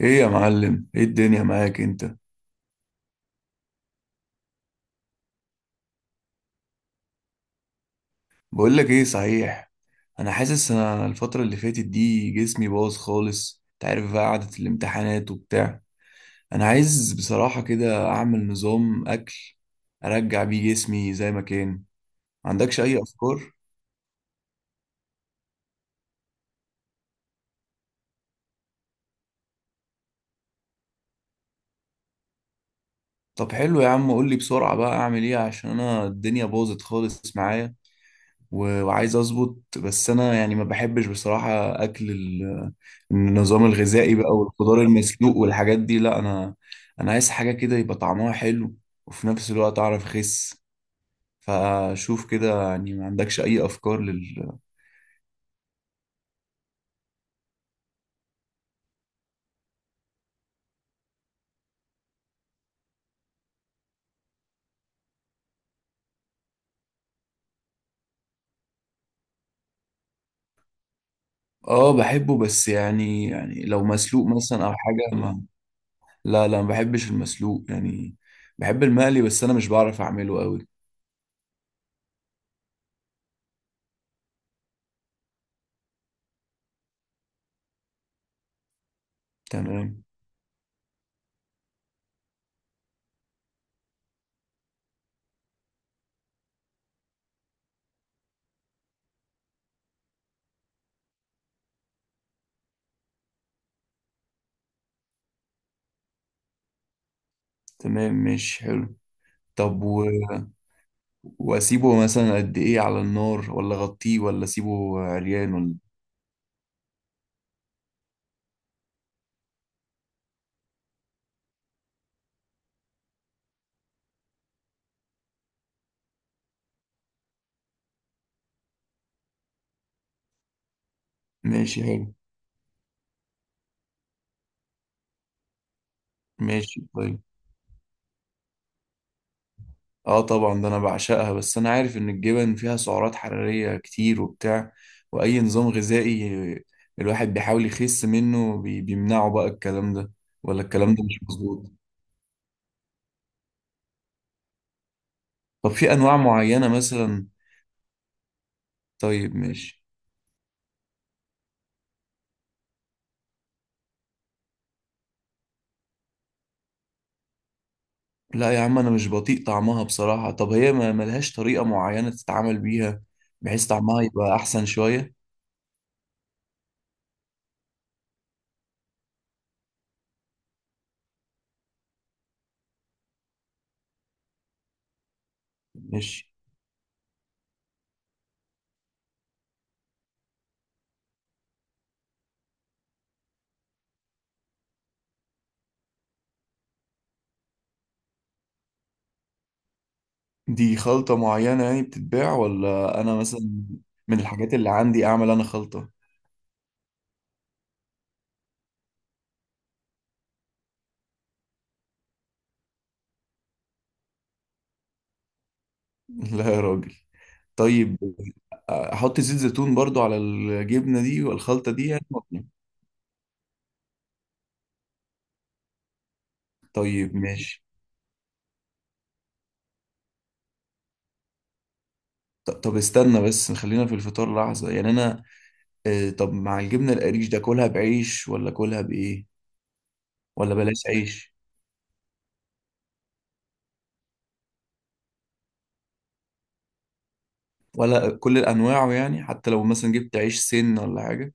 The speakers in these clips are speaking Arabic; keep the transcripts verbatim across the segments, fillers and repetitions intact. ايه يا معلم، ايه الدنيا معاك انت؟ بقول لك ايه صحيح. انا حاسس انا الفتره اللي فاتت دي جسمي باظ خالص، انت عارف بقى، قعده الامتحانات وبتاع. انا عايز بصراحه كده اعمل نظام اكل ارجع بيه جسمي زي ما كان. ما عندكش اي افكار؟ طب حلو يا عم، قول لي بسرعه بقى اعمل ايه، عشان انا الدنيا باظت خالص معايا. و- وعايز اظبط، بس انا يعني ما بحبش بصراحة اكل ال- النظام الغذائي بقى والخضار المسلوق والحاجات دي. لا انا انا عايز حاجة كده يبقى طعمها حلو، وفي نفس الوقت اعرف اخس. فشوف كده يعني، ما عندكش اي افكار لل؟ اه بحبه، بس يعني يعني لو مسلوق مثلا او حاجة ما... لا لا، ما بحبش المسلوق يعني. بحب المقلي، بس انا مش بعرف اعمله قوي. تمام. تمام مش حلو. طب و واسيبه مثلا قد ايه على النار، ولا اغطيه، ولا اسيبه عريان، ولا إيه؟ ماشي حلو. ماشي طيب. اه طبعا ده انا بعشقها، بس انا عارف ان الجبن فيها سعرات حرارية كتير وبتاع، واي نظام غذائي الواحد بيحاول يخس منه بي- بيمنعه بقى الكلام ده، ولا الكلام ده مش مظبوط؟ طب في انواع معينة مثلا؟ طيب ماشي. لا يا عم، انا مش بطيق طعمها بصراحة. طب هي ما ملهاش طريقة معينة تتعامل بيها بحيث طعمها يبقى احسن شوية؟ ماشي. دي خلطة معينة يعني بتتباع، ولا أنا مثلا من الحاجات اللي عندي أعمل أنا خلطة؟ لا يا راجل. طيب. أحط زيت زيتون برضو على الجبنة دي والخلطة دي يعني ولا؟ طيب ماشي. ط- طب استنى بس، خلينا في الفطار لحظة، يعني أنا، آه، طب مع الجبنة القريش ده كلها بعيش ولا كلها بإيه، ولا بلاش عيش؟ ولا كل أنواعه يعني، حتى لو مثلا جبت عيش سن ولا حاجة؟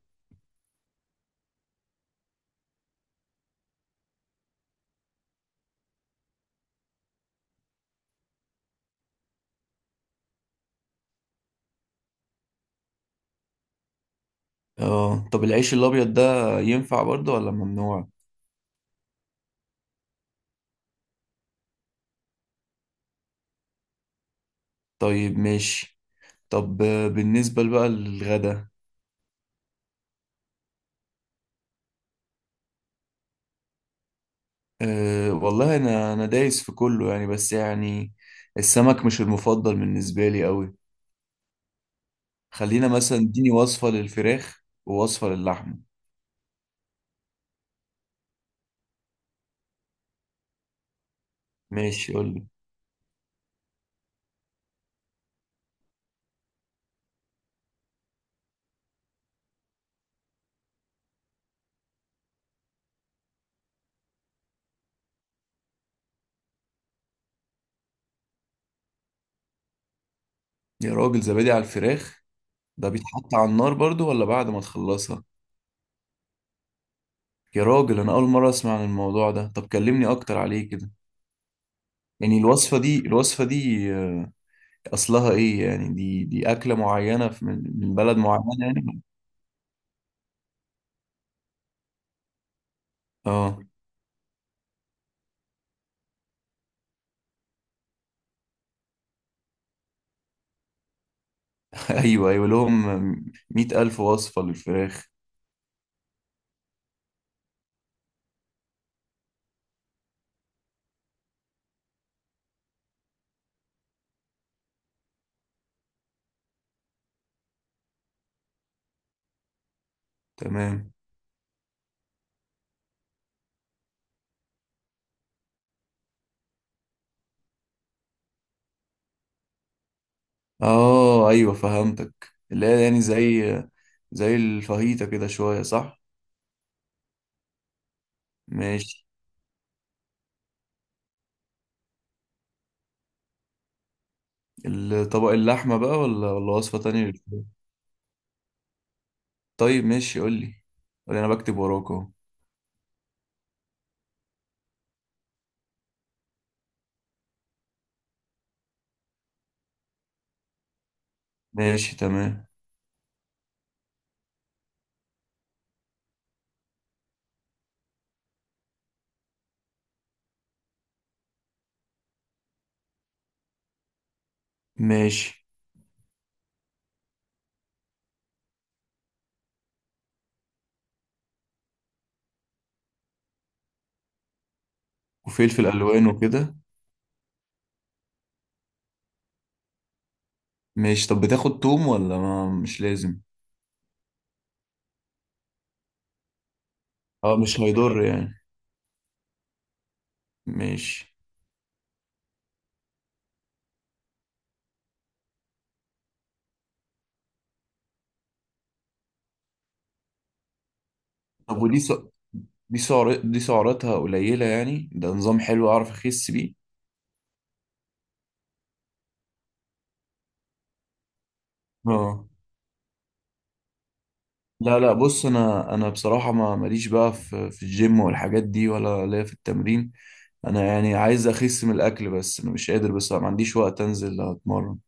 اه طب العيش الأبيض ده ينفع برضو ولا ممنوع؟ طيب ماشي. طب آه، بالنسبة بقى للغدا، أه والله أنا أنا دايس في كله يعني، بس يعني السمك مش المفضل بالنسبة لي أوي. خلينا مثلا اديني وصفة للفراخ ووصفة للحمة. ماشي قولي. يا راجل، زبادي على الفراخ؟ ده بيتحط على النار برضو ولا بعد ما تخلصها؟ يا راجل، أنا أول مرة أسمع عن الموضوع ده. طب كلمني أكتر عليه كده. يعني الوصفة دي الوصفة دي آه، أصلها إيه يعني، دي دي أكلة معينة في- من من بلد معينة يعني؟ اه ايوه ايوه لهم، مئة الف وصفة للفراخ. تمام. اه ايوه فهمتك، اللي هي يعني زي زي الفاهيتا كده شوية صح؟ ماشي. الطبق اللحمة بقى، ولا ولا وصفة تانية للفراخ؟ طيب ماشي قول لي. قول لي انا بكتب وراك اهو. ماشي تمام. ماشي. وفلفل الوان وكده. ماشي طب بتاخد توم ولا ما مش لازم؟ اه مش هيضر يعني. ماشي. طب ودي سع... دي سعر... دي سعراتها قليلة يعني، ده نظام حلو اعرف اخس بيه؟ اه لا لا بص، انا انا بصراحه ما ماليش بقى في في الجيم والحاجات دي، ولا ليا في التمرين. انا يعني عايز اخس من الاكل، بس انا مش قادر، بس ما عنديش وقت انزل اتمرن.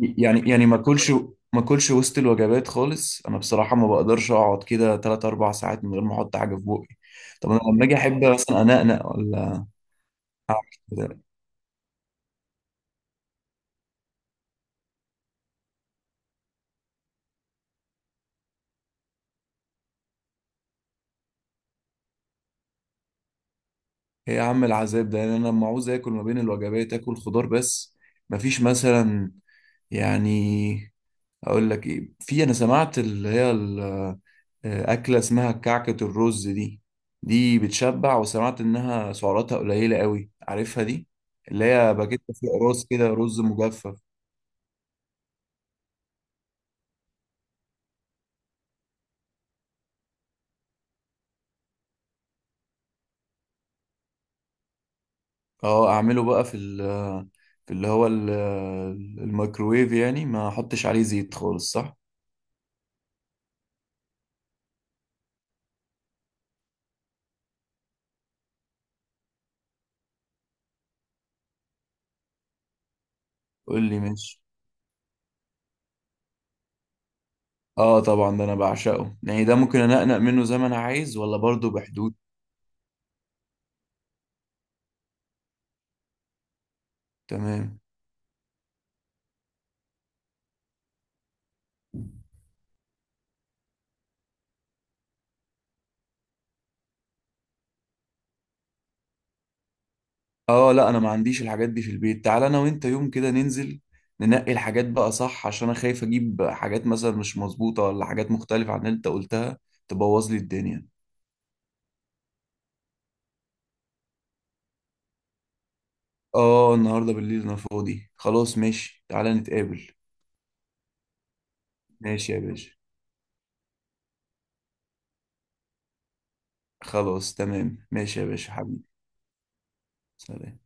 يعني يعني ما اكلش. ما اكلش وسط الوجبات خالص، انا بصراحه ما بقدرش اقعد كده تلات اربعه ساعات من غير ما احط حاجه في بقي. طب انا لما اجي احب مثلا انقنق ولا اعمل كده. ايه يا عم العذاب ده يعني؟ انا لما عاوز اكل ما بين الوجبات اكل خضار بس، مفيش مثلا يعني؟ اقول لك ايه، في انا سمعت اللي هي ال- آه، اكله اسمها كعكه الرز دي. دي بتشبع، وسمعت انها سعراتها قليله قوي. عارفها دي؟ اللي هي باكيت فيه رز كده، رز مجفف. اه اعمله بقى في ال آه، في اللي هو ال- آه، الميكروويف يعني، ما احطش عليه زيت خالص صح؟ قول لي ماشي. اه طبعا ده انا بعشقه يعني، ده ممكن انقنق منه زي ما انا عايز ولا برضه بحدود؟ تمام. اه لا، انا ما عنديش الحاجات دي في البيت، تعال انا وانت يوم كده ننزل ننقي الحاجات بقى صح، عشان انا خايف اجيب حاجات مثلا مش مظبوطة ولا حاجات مختلفة عن اللي انت قلتها تبوظ لي الدنيا. اه النهاردة بالليل انا فاضي خلاص، ماشي تعال نتقابل. ماشي يا باشا. خلاص تمام ماشي يا باشا حبيبي. سلام.